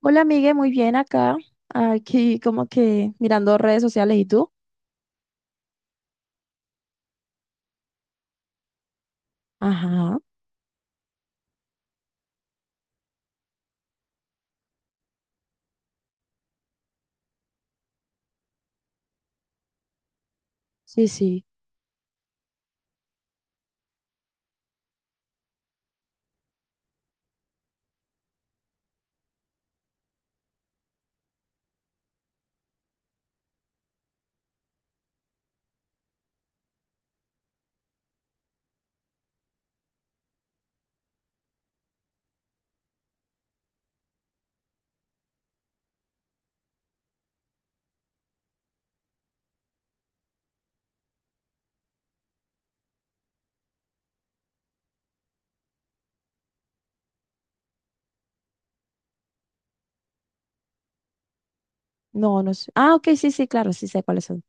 Hola, Miguel, muy bien acá. Aquí como que mirando redes sociales. ¿Y tú? Ajá. Sí, sí. No, no sé. Ah, ok, sí, sí, claro, sí sé cuáles son.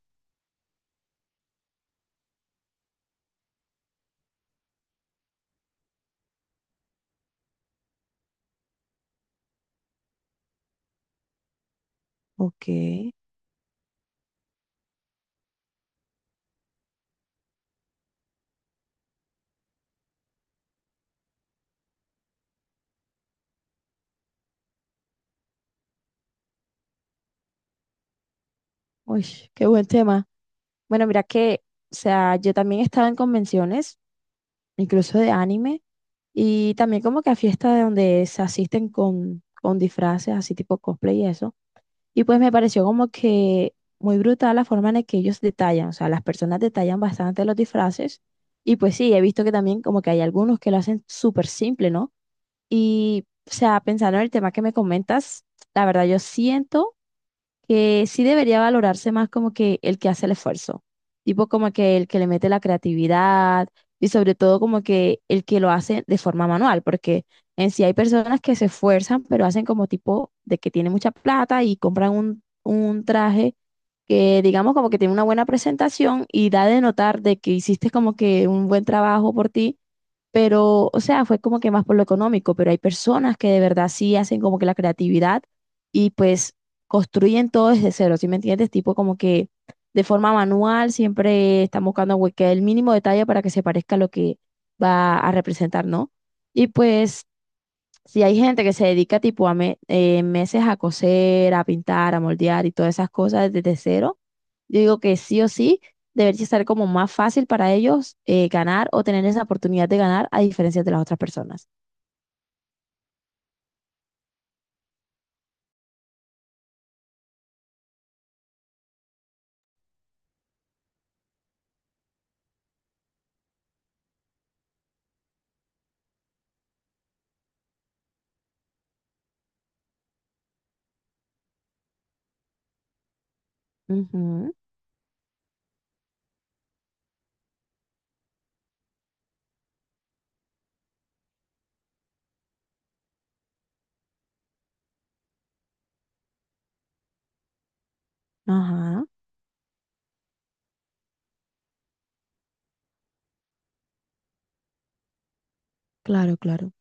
Ok. Uy, qué buen tema. Bueno, mira que, o sea, yo también estaba en convenciones, incluso de anime, y también como que a fiestas de donde se asisten con disfraces, así tipo cosplay y eso. Y pues me pareció como que muy brutal la forma en la que ellos detallan, o sea, las personas detallan bastante los disfraces y pues sí, he visto que también como que hay algunos que lo hacen súper simple, ¿no? Y, o sea, pensando en el tema que me comentas, la verdad yo siento que sí debería valorarse más como que el que hace el esfuerzo, tipo como que el que le mete la creatividad y sobre todo como que el que lo hace de forma manual, porque en sí hay personas que se esfuerzan, pero hacen como tipo de que tiene mucha plata y compran un traje que digamos como que tiene una buena presentación y da de notar de que hiciste como que un buen trabajo por ti pero, o sea, fue como que más por lo económico, pero hay personas que de verdad sí hacen como que la creatividad y pues construyen todo desde cero, ¿sí me entiendes? Tipo como que de forma manual siempre están buscando güey, que el mínimo detalle para que se parezca a lo que va a representar, ¿no? Y pues si hay gente que se dedica tipo a meses a coser, a pintar, a moldear y todas esas cosas desde cero, yo digo que sí o sí debería estar como más fácil para ellos ganar o tener esa oportunidad de ganar a diferencia de las otras personas. Ujú. Ajá, claro, claro.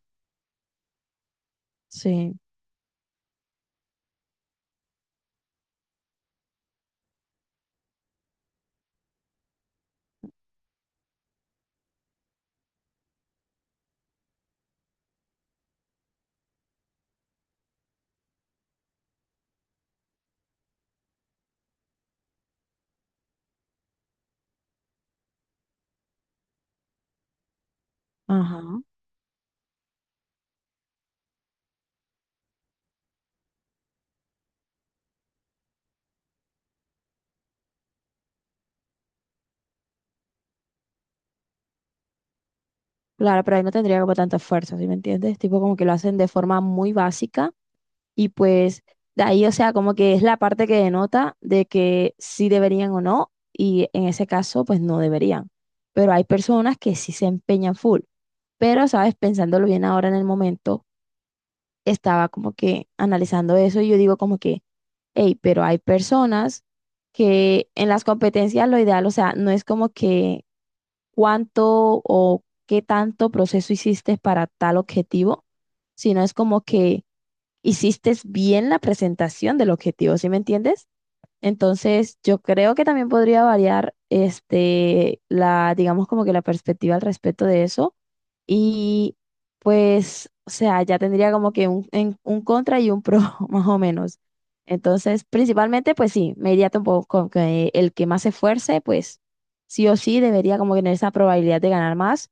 Sí, ajá. Claro, pero ahí no tendría como tanto esfuerzo, ¿sí me entiendes? Tipo como que lo hacen de forma muy básica. Y pues de ahí, o sea, como que es la parte que denota de que sí deberían o no, y en ese caso, pues no deberían. Pero hay personas que sí se empeñan full. Pero, sabes, pensándolo bien ahora en el momento, estaba como que analizando eso y yo digo como que, hey, pero hay personas que en las competencias lo ideal, o sea, no es como que cuánto o qué tanto proceso hiciste para tal objetivo, sino es como que hiciste bien la presentación del objetivo, ¿sí me entiendes? Entonces, yo creo que también podría variar este la digamos como que la perspectiva al respecto de eso y pues, o sea, ya tendría como que un contra y un pro más o menos. Entonces, principalmente pues sí, me iría un poco con que el que más se esfuerce, pues sí o sí debería como que tener esa probabilidad de ganar más.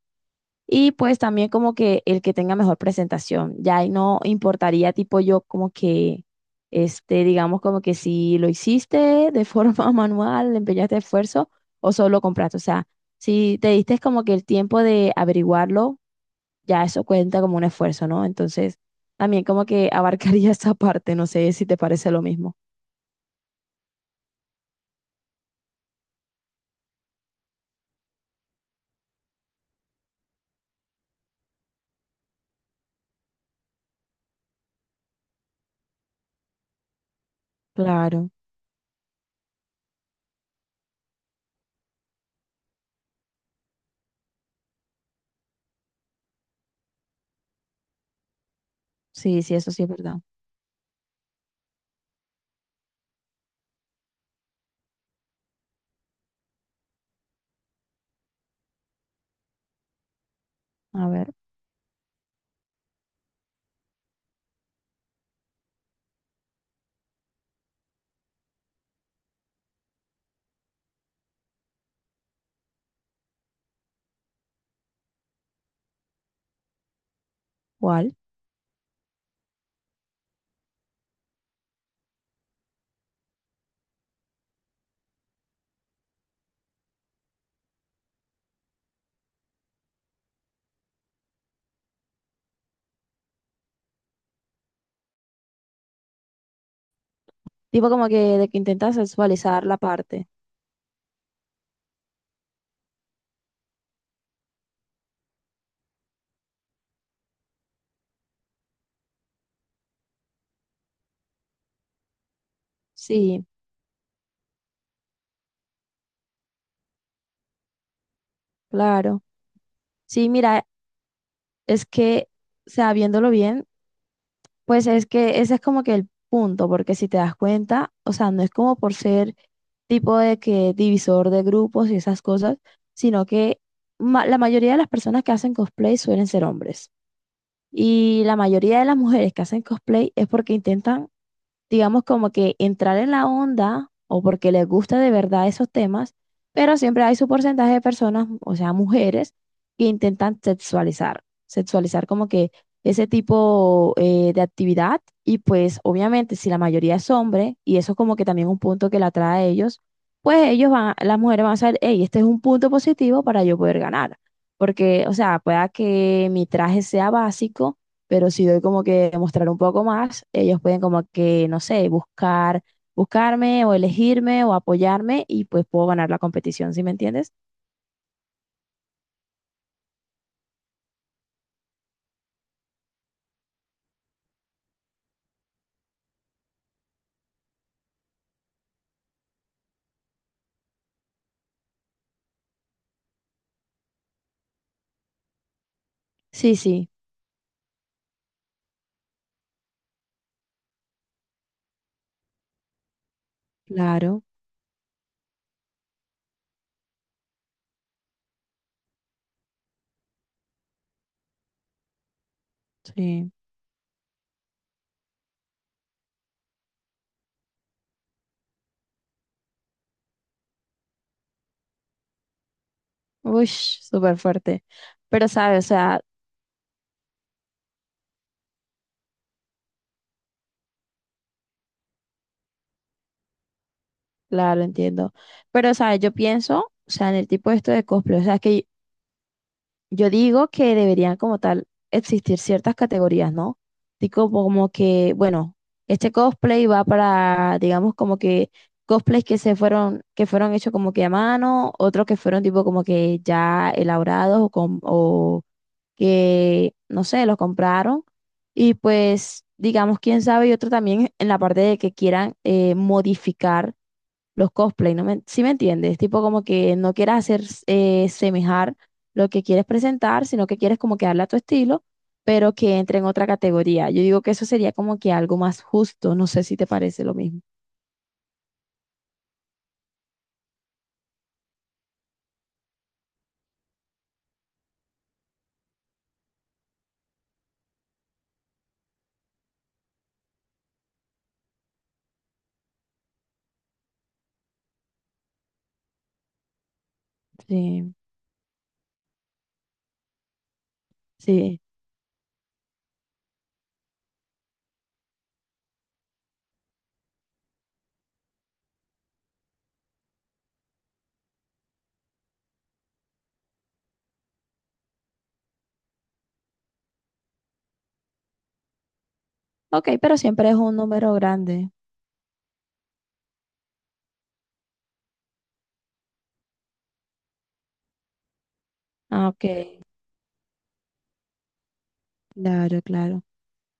Y pues también como que el que tenga mejor presentación, ya ahí no importaría tipo yo como que, este, digamos como que si lo hiciste de forma manual, le empeñaste esfuerzo o solo compraste, o sea, si te diste como que el tiempo de averiguarlo, ya eso cuenta como un esfuerzo, ¿no? Entonces, también como que abarcaría esa parte, no sé si te parece lo mismo. Claro, sí, sí, eso sí es verdad. A ver, ¿cuál? Tipo como que de que intentas sexualizar la parte. Sí, claro. Sí, mira, es que, o sea, viéndolo bien, pues es que ese es como que el punto, porque si te das cuenta, o sea, no es como por ser tipo de que divisor de grupos y esas cosas, sino que la mayoría de las personas que hacen cosplay suelen ser hombres. Y la mayoría de las mujeres que hacen cosplay es porque intentan digamos, como que entrar en la onda o porque les gusta de verdad esos temas, pero siempre hay su porcentaje de personas, o sea, mujeres, que intentan sexualizar como que ese tipo de actividad y pues obviamente si la mayoría es hombre y eso como que también un punto que la atrae a ellos, pues ellos van, las mujeres van a saber, hey, este es un punto positivo para yo poder ganar. Porque, o sea, pueda que mi traje sea básico, pero si doy como que mostrar un poco más, ellos pueden como que, no sé, buscar, buscarme o elegirme o apoyarme y pues puedo ganar la competición, ¿sí me entiendes? Sí, sí, claro, sí. Uy, súper fuerte. Pero, ¿sabes? O sea, claro, entiendo. Pero, ¿sabes? Yo pienso, o sea, en el tipo de esto de cosplay, o sea, es que yo digo que deberían como tal existir ciertas categorías, ¿no? Tipo como que, bueno, este cosplay va para, digamos, como que cosplays que se fueron, que fueron hechos como que a mano, otros que fueron tipo como que ya elaborados o, con, o que, no sé, los compraron. Y pues, digamos, quién sabe, y otro también en la parte de que quieran modificar los cosplay, ¿no me, sí me entiendes? Tipo como que no quieras hacer semejar lo que quieres presentar, sino que quieres como que darle a tu estilo, pero que entre en otra categoría. Yo digo que eso sería como que algo más justo, no sé si te parece lo mismo. Sí, sí. Ok, pero siempre es un número grande. Ah, ok. Claro, claro.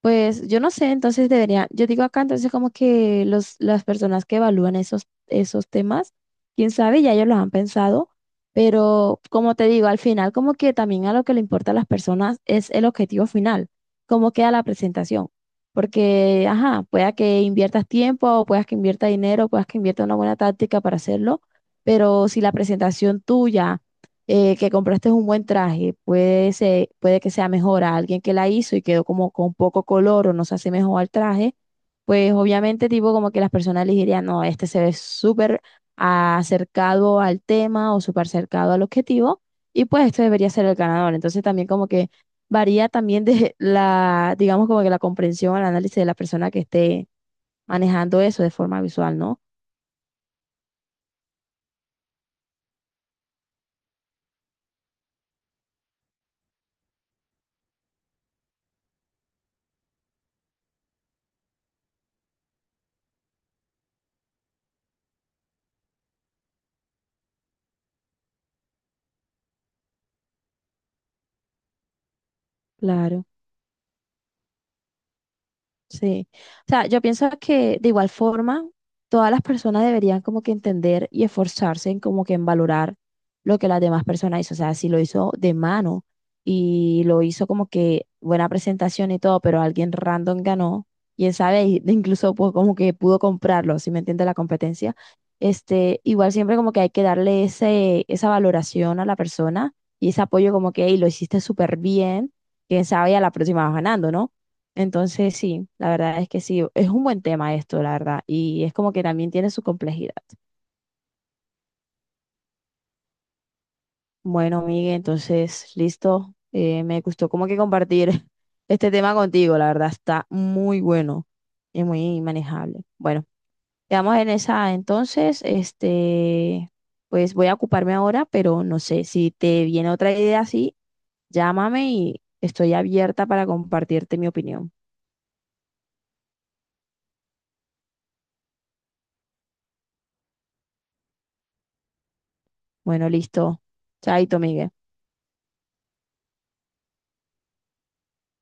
Pues yo no sé, entonces debería, yo digo acá, entonces como que los, las personas que evalúan esos temas, quién sabe, ya ellos los han pensado, pero como te digo, al final como que también a lo que le importa a las personas es el objetivo final, cómo queda la presentación, porque, ajá, pueda que inviertas tiempo, o puedas que invierta dinero, puedas que invierta una buena táctica para hacerlo, pero si la presentación tuya que compraste un buen traje, puede que sea mejor a alguien que la hizo y quedó como con poco color o no se hace mejor al traje, pues obviamente tipo como que las personas les dirían, no, este se ve súper acercado al tema o súper acercado al objetivo y pues este debería ser el ganador. Entonces también como que varía también de la, digamos como que la comprensión, el análisis de la persona que esté manejando eso de forma visual, ¿no? Claro. Sí, o sea, yo pienso que de igual forma todas las personas deberían como que entender y esforzarse en como que en valorar lo que las demás personas hizo, o sea, si lo hizo de mano y lo hizo como que buena presentación y todo, pero alguien random ganó, quién sabe, y- de incluso pues como que pudo comprarlo, si me entiende la competencia, este, igual siempre como que hay que darle ese, esa valoración a la persona y ese apoyo como que, "Ey, lo hiciste súper bien, quién sabe, y a la próxima vas ganando, ¿no? Entonces, sí, la verdad es que sí, es un buen tema esto, la verdad, y es como que también tiene su complejidad. Bueno, Miguel, entonces, listo, me gustó como que compartir este tema contigo, la verdad, está muy bueno y muy manejable. Bueno, quedamos en esa, entonces, este, pues voy a ocuparme ahora, pero no sé, si te viene otra idea así, llámame y estoy abierta para compartirte mi opinión. Bueno, listo, chaito, Miguel.